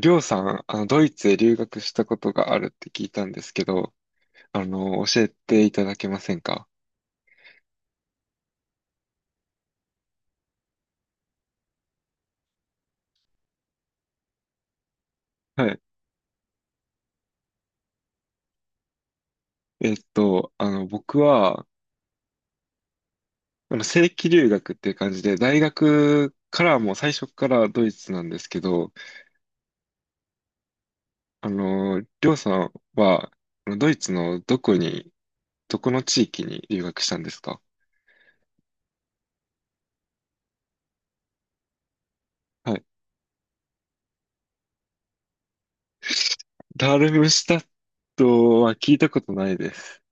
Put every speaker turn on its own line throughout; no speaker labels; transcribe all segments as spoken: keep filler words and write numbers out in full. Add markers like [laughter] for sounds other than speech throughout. りょうさん、あの、ドイツへ留学したことがあるって聞いたんですけど、あの、教えていただけませんか？はい。えっと、あの、僕は、あの、正規留学っていう感じで、大学からもう最初からドイツなんですけど、あの、りょうさんは、あのドイツのどこに、どこの地域に留学したんですか？はい。ダルムシュタットは聞いたことないです。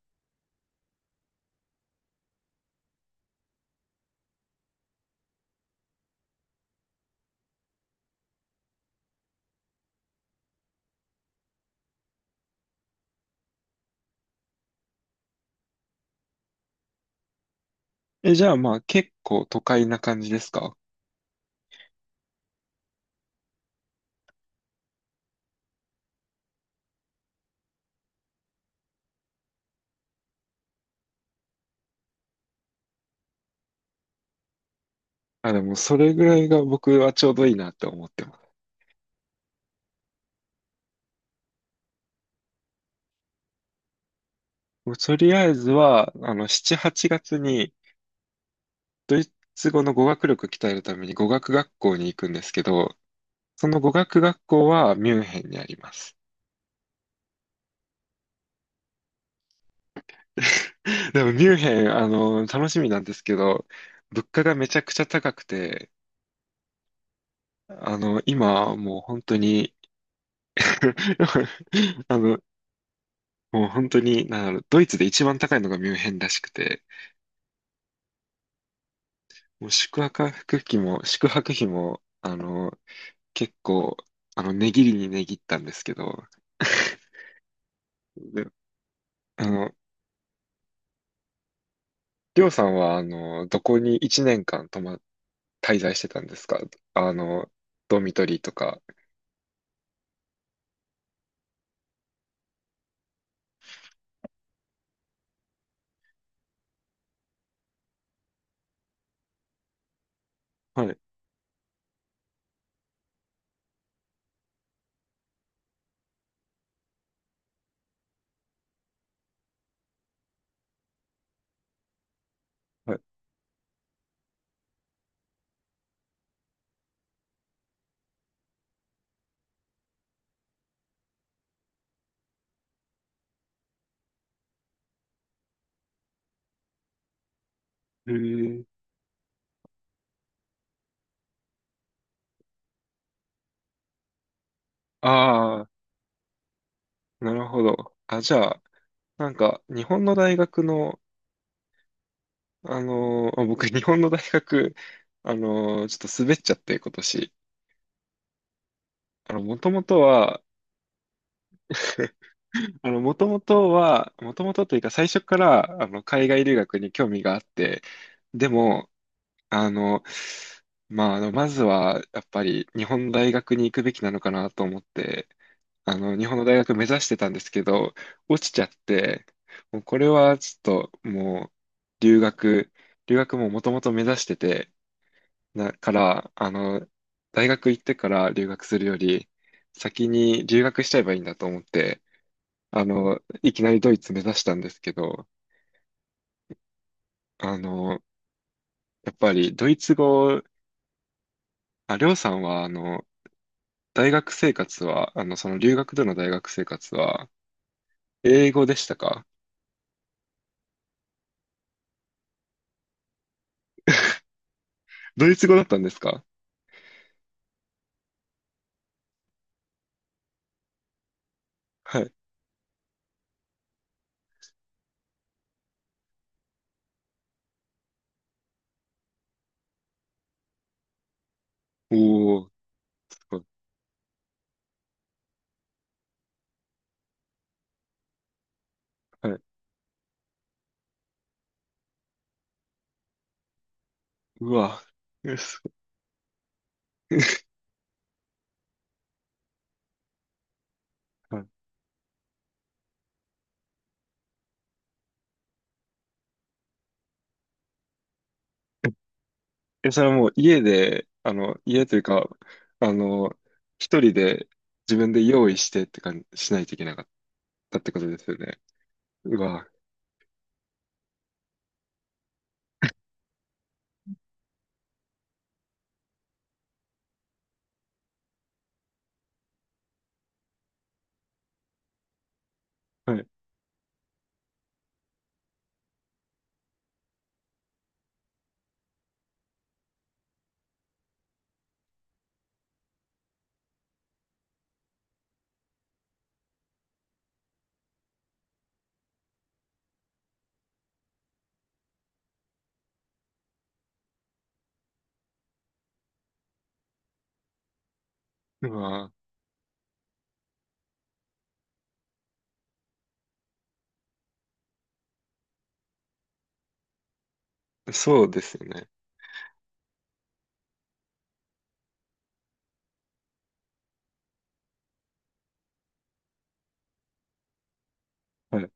え、じゃあまあ結構都会な感じですか？あ、でもそれぐらいが僕はちょうどいいなって思ってます。もうとりあえずは、あの、しち、はちがつにドイツ語の語学力鍛えるために語学学校に行くんですけど、その語学学校はミュンヘンにあります。[laughs] でもミュンヘン、あの、楽しみなんですけど、物価がめちゃくちゃ高くて、あの、今もう本当に [laughs] あの、もう本当に、なんだろう、ドイツで一番高いのがミュンヘンらしくて、もう宿泊費も、宿泊費も、あの、結構、あの、値切りに値切ったんですけど、[laughs] であの、りょうさんは、あの、どこに1年間泊ま、滞在してたんですか？あの、ドミトリーとか。はい、はい。えー、ああ、なるほど。あ、じゃあ、なんか、日本の大学の、あのー、僕、日本の大学、あのー、ちょっと滑っちゃって、今年。あの、もともとは [laughs] [laughs] あの、もともとは、もともとというか最初から、あの、海外留学に興味があって、でも、あの、まあ、あの、まずは、やっぱり日本の大学に行くべきなのかなと思って、あの、日本の大学目指してたんですけど、落ちちゃって、もうこれはちょっと、もう、留学、留学ももともと目指してて、だから、あの、大学行ってから留学するより、先に留学しちゃえばいいんだと思って、あの、いきなりドイツ目指したんですけど、あの、やっぱりドイツ語、あ、りょうさんは、あの、大学生活は、あの、その留学での大学生活は、英語でしたか？ドイツ語だったんですか？はい。おー、すごい。はい。うわ、[laughs] えすごい [laughs] はい、え、それはもう家で、あの、家というか、あの、一人で自分で用意してって感じしないといけなかったってことですよね。うわ、はい。うわ、そうですよね。はい。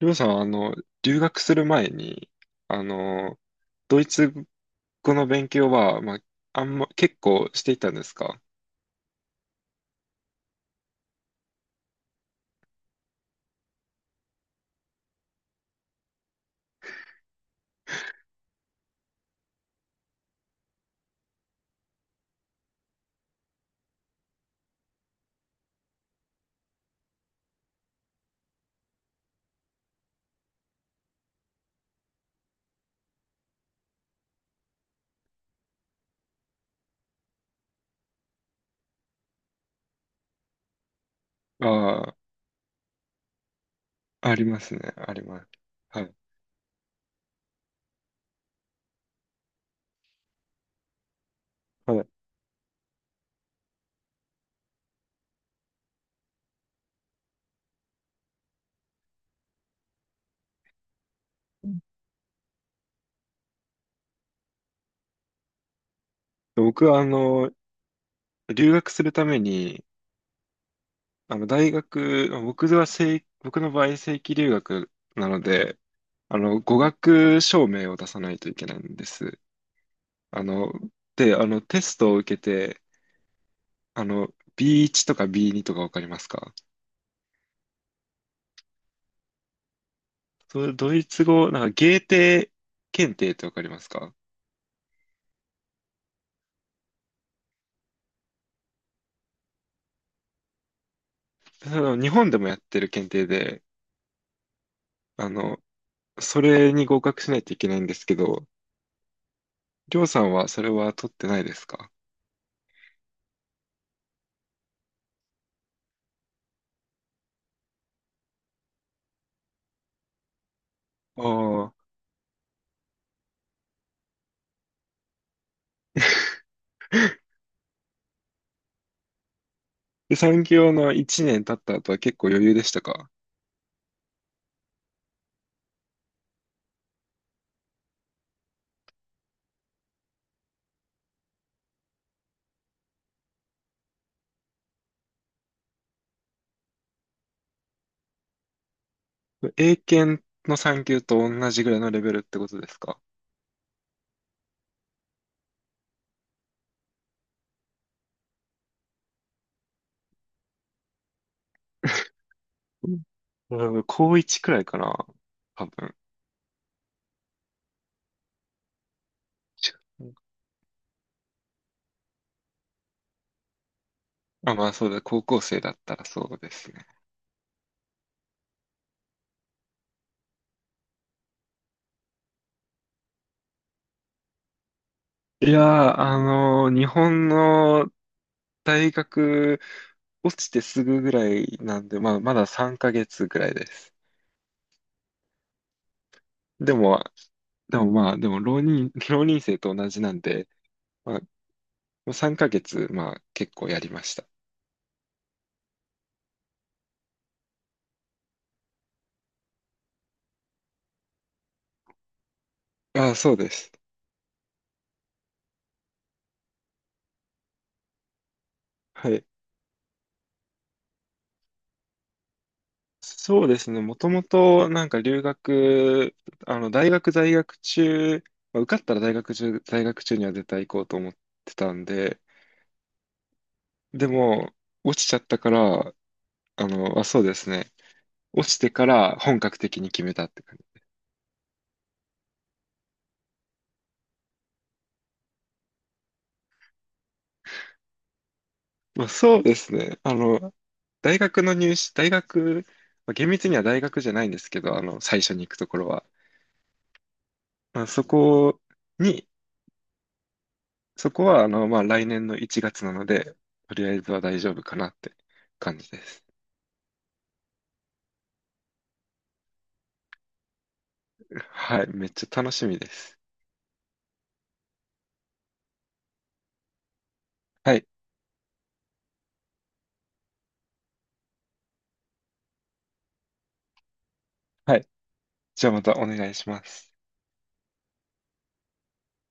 りょうさんは、あの、留学する前に、あの、ドイツ語の勉強は、まあ、あんま、結構していたんですか？ああ、ありますね。あります。はい。はい。僕は、あの、留学するために、あの、大学、僕は正、僕の場合、正規留学なので、あの、語学証明を出さないといけないんです。あの、で、あの、テストを受けて、あの、ビーワン とか ビーツー とかわかりますか？ド、ドイツ語、なんかゲーテ検定ってわかりますか？あの日本でもやってる検定で、あの、それに合格しないといけないんですけど、りょうさんはそれは取ってないですか？ああ。[laughs] で、産業のいちねん経った後は結構余裕でしたか？英検の産級と同じぐらいのレベルってことですか？うん [laughs] 高いちくらいかな多分。違う。あ、まあそうだ、高校生だったらそうですね。いやー、あのー日本の大学落ちてすぐぐらいなんで、まあ、まださんかげつぐらいです。でも、でもまあ、でも浪人、[laughs] 浪人生と同じなんで、まあ、さんかげつ、まあ、結構やりました。ああ、そうです。はい。そうですね。もともと、なんか留学、あの、大学在学中、まあ、受かったら大学中、在学中には絶対行こうと思ってたんで、でも、落ちちゃったから、あの、あ、そうですね。落ちてから本格的に決めたって。まあ、そうですね。あの、大学の入試、大学、まあ、厳密には大学じゃないんですけど、あの、最初に行くところは。まあ、そこに、そこは、あの、まあ、来年のいちがつなので、とりあえずは大丈夫かなって感じです。はい。めっちゃ楽しみです。はい。はい。じゃあまたお願いします。